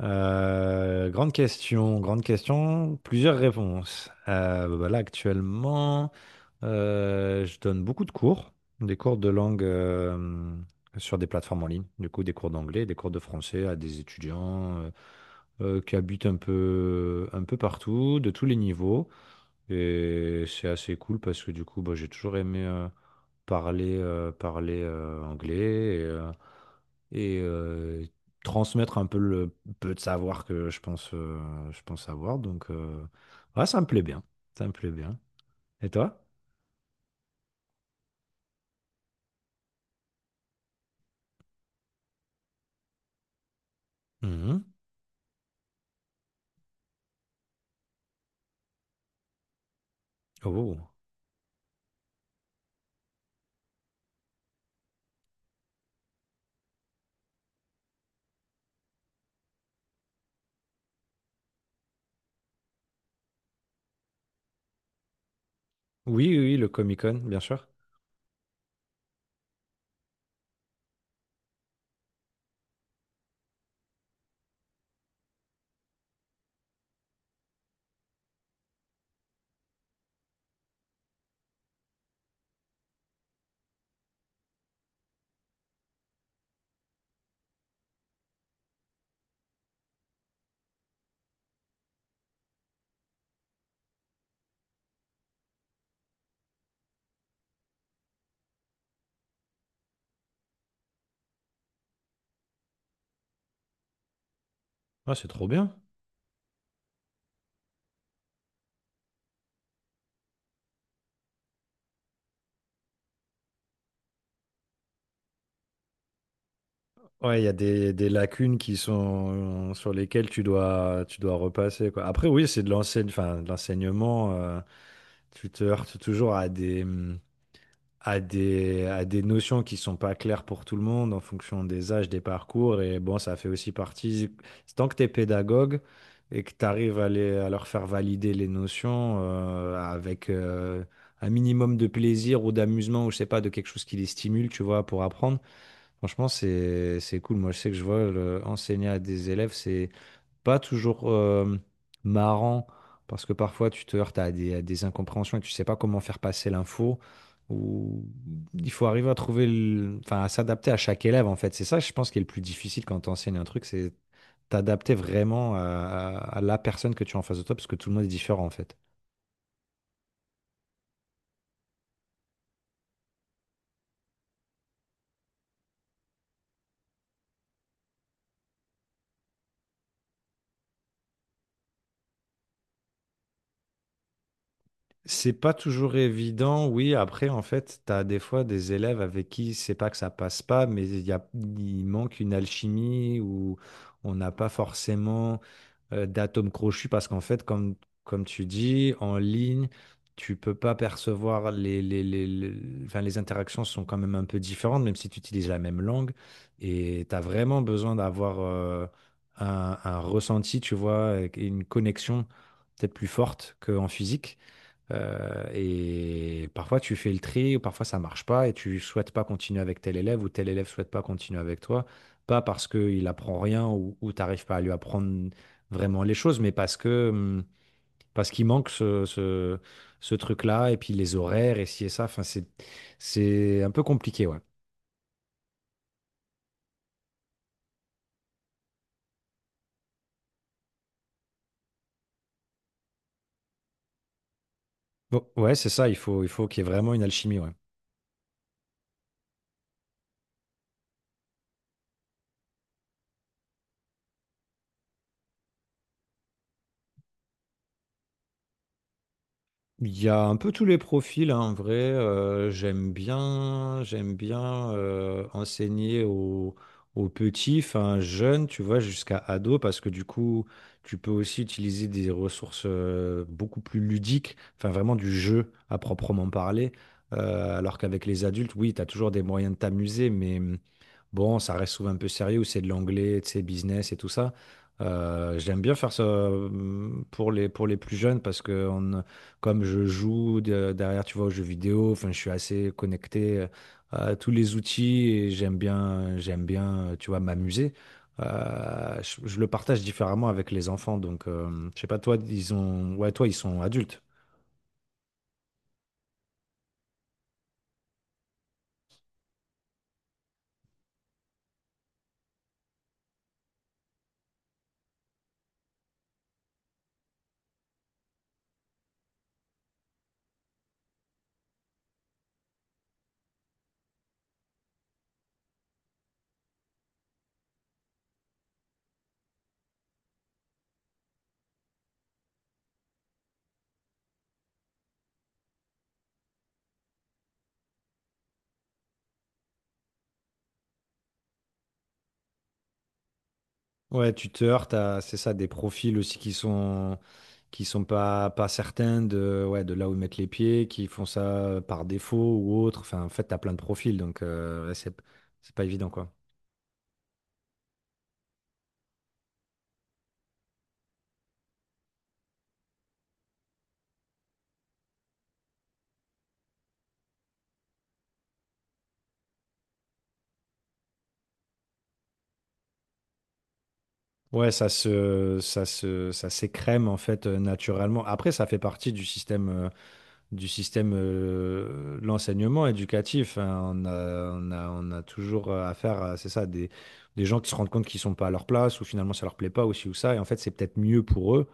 Grande question, grande question, plusieurs réponses. Bah là, actuellement, je donne beaucoup de cours, des cours de langue sur des plateformes en ligne, du coup, des cours d'anglais, des cours de français à des étudiants qui habitent un peu partout, de tous les niveaux. Et c'est assez cool parce que du coup, bah, j'ai toujours aimé parler anglais et transmettre un peu le peu de savoir que je pense avoir. Donc, ouais, ça me plaît bien. Ça me plaît bien. Et toi? Mhm. Oh. Oui, oui, oui, le Comic-Con, bien sûr. Ah, c'est trop bien. Ouais, il y a des lacunes qui sont sur lesquelles tu dois repasser, quoi. Après, oui, c'est enfin, de l'enseignement. Tu te heurtes toujours à des, mmh, à des notions qui sont pas claires pour tout le monde en fonction des âges, des parcours. Et bon, ça fait aussi partie, tant que tu es pédagogue et que tu arrives à leur faire valider les notions avec un minimum de plaisir ou d'amusement ou je sais pas, de quelque chose qui les stimule, tu vois, pour apprendre. Franchement, c'est cool. Moi, je sais que je vois enseigner à des élèves, c'est pas toujours marrant, parce que parfois tu te heurtes à des incompréhensions et tu sais pas comment faire passer l'info, ou il faut arriver à trouver, enfin, à s'adapter à chaque élève, en fait. C'est ça, je pense, qui est le plus difficile quand tu enseignes un truc, c'est t'adapter vraiment à la personne que tu as en face de toi, parce que tout le monde est différent, en fait. C'est pas toujours évident, oui. Après, en fait, tu as des fois des élèves avec qui c'est pas que ça passe pas, mais il manque une alchimie où on n'a pas forcément d'atomes crochus parce qu'en fait, comme tu dis, en ligne, tu peux pas percevoir enfin, les interactions sont quand même un peu différentes, même si tu utilises la même langue. Et tu as vraiment besoin d'avoir un ressenti, tu vois, et une connexion peut-être plus forte qu'en physique. Et parfois tu fais le tri, ou parfois ça marche pas, et tu souhaites pas continuer avec tel élève, ou tel élève souhaite pas continuer avec toi, pas parce qu'il apprend rien ou t'arrives pas à lui apprendre vraiment les choses, mais parce qu'il manque ce truc-là, et puis les horaires, et ci et ça, enfin c'est un peu compliqué, ouais. Bon, ouais, c'est ça, il faut qu'il y ait vraiment une alchimie, ouais. Il y a un peu tous les profils, hein, en vrai. J'aime bien, j'aime bien enseigner aux petits, enfin jeunes, tu vois, jusqu'à ados, parce que du coup, tu peux aussi utiliser des ressources beaucoup plus ludiques, enfin vraiment du jeu à proprement parler. Alors qu'avec les adultes, oui, tu as toujours des moyens de t'amuser, mais bon, ça reste souvent un peu sérieux, c'est de l'anglais, tu sais, business et tout ça. J'aime bien faire ça pour les plus jeunes parce que comme je joue derrière, tu vois, aux jeux vidéo, enfin, je suis assez connecté à tous les outils et j'aime bien, tu vois, m'amuser. Je le partage différemment avec les enfants, donc je sais pas, toi, ouais, toi, ils sont adultes. Ouais, tu te heurtes à, c'est ça, des profils aussi qui sont pas certains de, ouais, de là où ils mettent les pieds, qui font ça par défaut ou autre. Enfin, en fait, t'as plein de profils, donc ouais, c'est pas évident, quoi. Ouais, ça s'écrème en fait naturellement. Après, ça fait partie du système de l'enseignement éducatif. Hein. On a toujours affaire à, c'est ça, des gens qui se rendent compte qu'ils sont pas à leur place ou finalement ça leur plaît pas ou ci ou ça. Et en fait, c'est peut-être mieux pour eux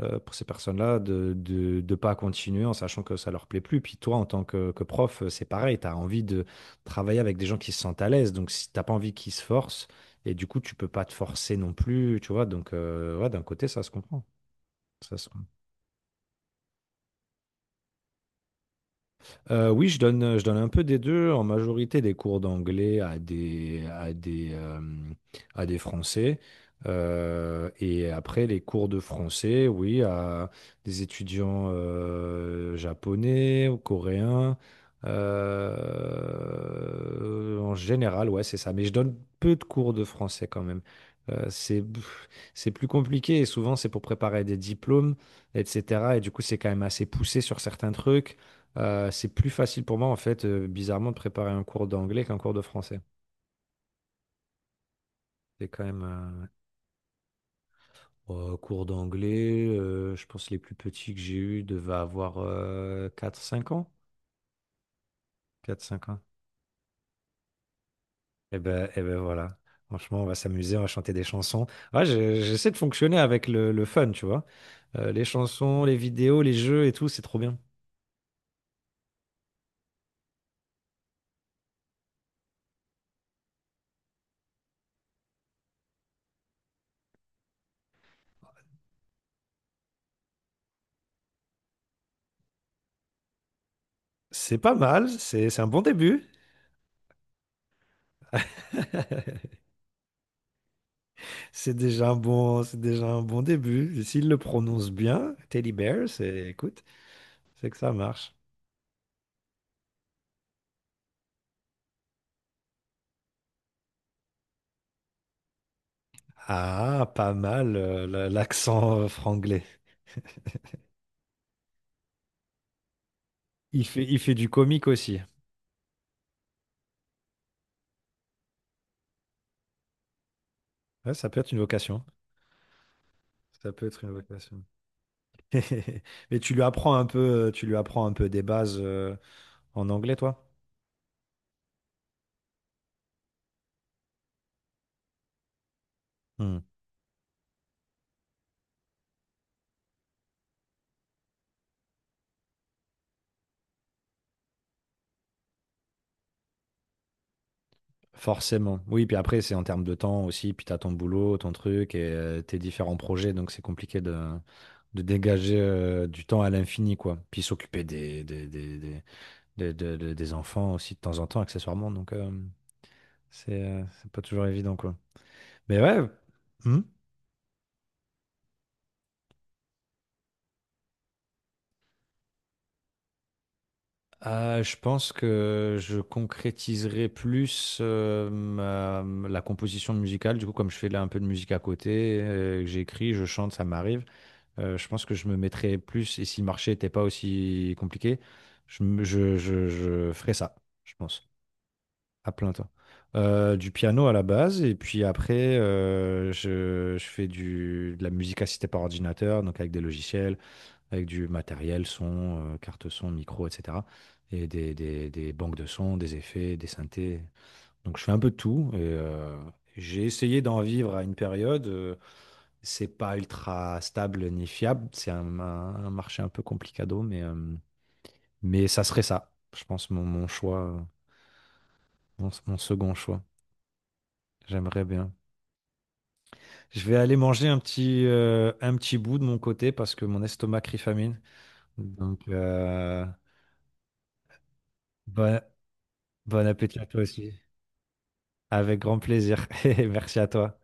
pour ces personnes-là de pas continuer en sachant que ça leur plaît plus. Puis toi, en tant que prof, c'est pareil, tu as envie de travailler avec des gens qui se sentent à l'aise. Donc, si t'as pas envie qu'ils se forcent, et du coup, tu peux pas te forcer non plus, tu vois. Donc, ouais, d'un côté, ça se comprend. Ça se... Oui, je donne un peu des 2. En majorité des cours d'anglais à des Français, et après les cours de français, oui, à des étudiants, japonais ou coréens, en général, ouais, c'est ça. Mais je donne peu de cours de français quand même. Heu, c'est pff, c'est plus compliqué et souvent c'est pour préparer des diplômes et cetera et du coup, c'est quand même assez poussé sur certains trucs. C'est plus facile pour moi, en fait, bizarrement, de préparer un cours d'anglais qu'un cours de français. C'est quand même un cours d'anglais. Je pense que les plus petits que j'ai eus devaient avoir 4-5 ans. Quatre, cinq ans. Et ben voilà. Franchement, on va s'amuser, on va chanter des chansons. Ouais, j'essaie de fonctionner avec le fun, tu vois. Les chansons, les vidéos, les jeux et tout, c'est trop bien. C'est pas mal, c'est un bon début. C'est déjà un bon, c'est déjà un bon début. S'il le prononce bien, Teddy Bear, c'est, écoute, c'est que ça marche. Ah, pas mal, l'accent franglais. Il fait du comique aussi. Ouais, ça peut être une vocation. Ça peut être une vocation. Mais tu lui apprends un peu, tu lui apprends un peu des bases, en anglais, toi? Hmm. Forcément. Oui, puis après, c'est en termes de temps aussi, puis t'as ton boulot, ton truc et tes différents projets, donc c'est compliqué de dégager du temps à l'infini, quoi. Puis s'occuper des enfants aussi de temps en temps, accessoirement, donc c'est pas toujours évident, quoi. Mais ouais, hmm. Je pense que je concrétiserai plus la composition musicale, du coup, comme je fais là un peu de musique à côté, que j'écris, je chante, ça m'arrive. Je pense que je me mettrais plus, et si le marché n'était pas aussi compliqué, je ferais ça, je pense, à plein temps. Du piano à la base, et puis après, je fais de la musique assistée par ordinateur, donc avec des logiciels, avec du matériel, son, carte son, micro, etc. Et des banques de sons, des effets, des synthés. Donc je fais un peu de tout, et j'ai essayé d'en vivre à une période. C'est pas ultra stable ni fiable. C'est un marché un peu complicado, mais ça serait ça, je pense, mon choix, mon second choix. J'aimerais bien. Je vais aller manger un petit bout de mon côté parce que mon estomac crie famine. Donc, bon, bon appétit à toi aussi. Avec grand plaisir. Merci à toi.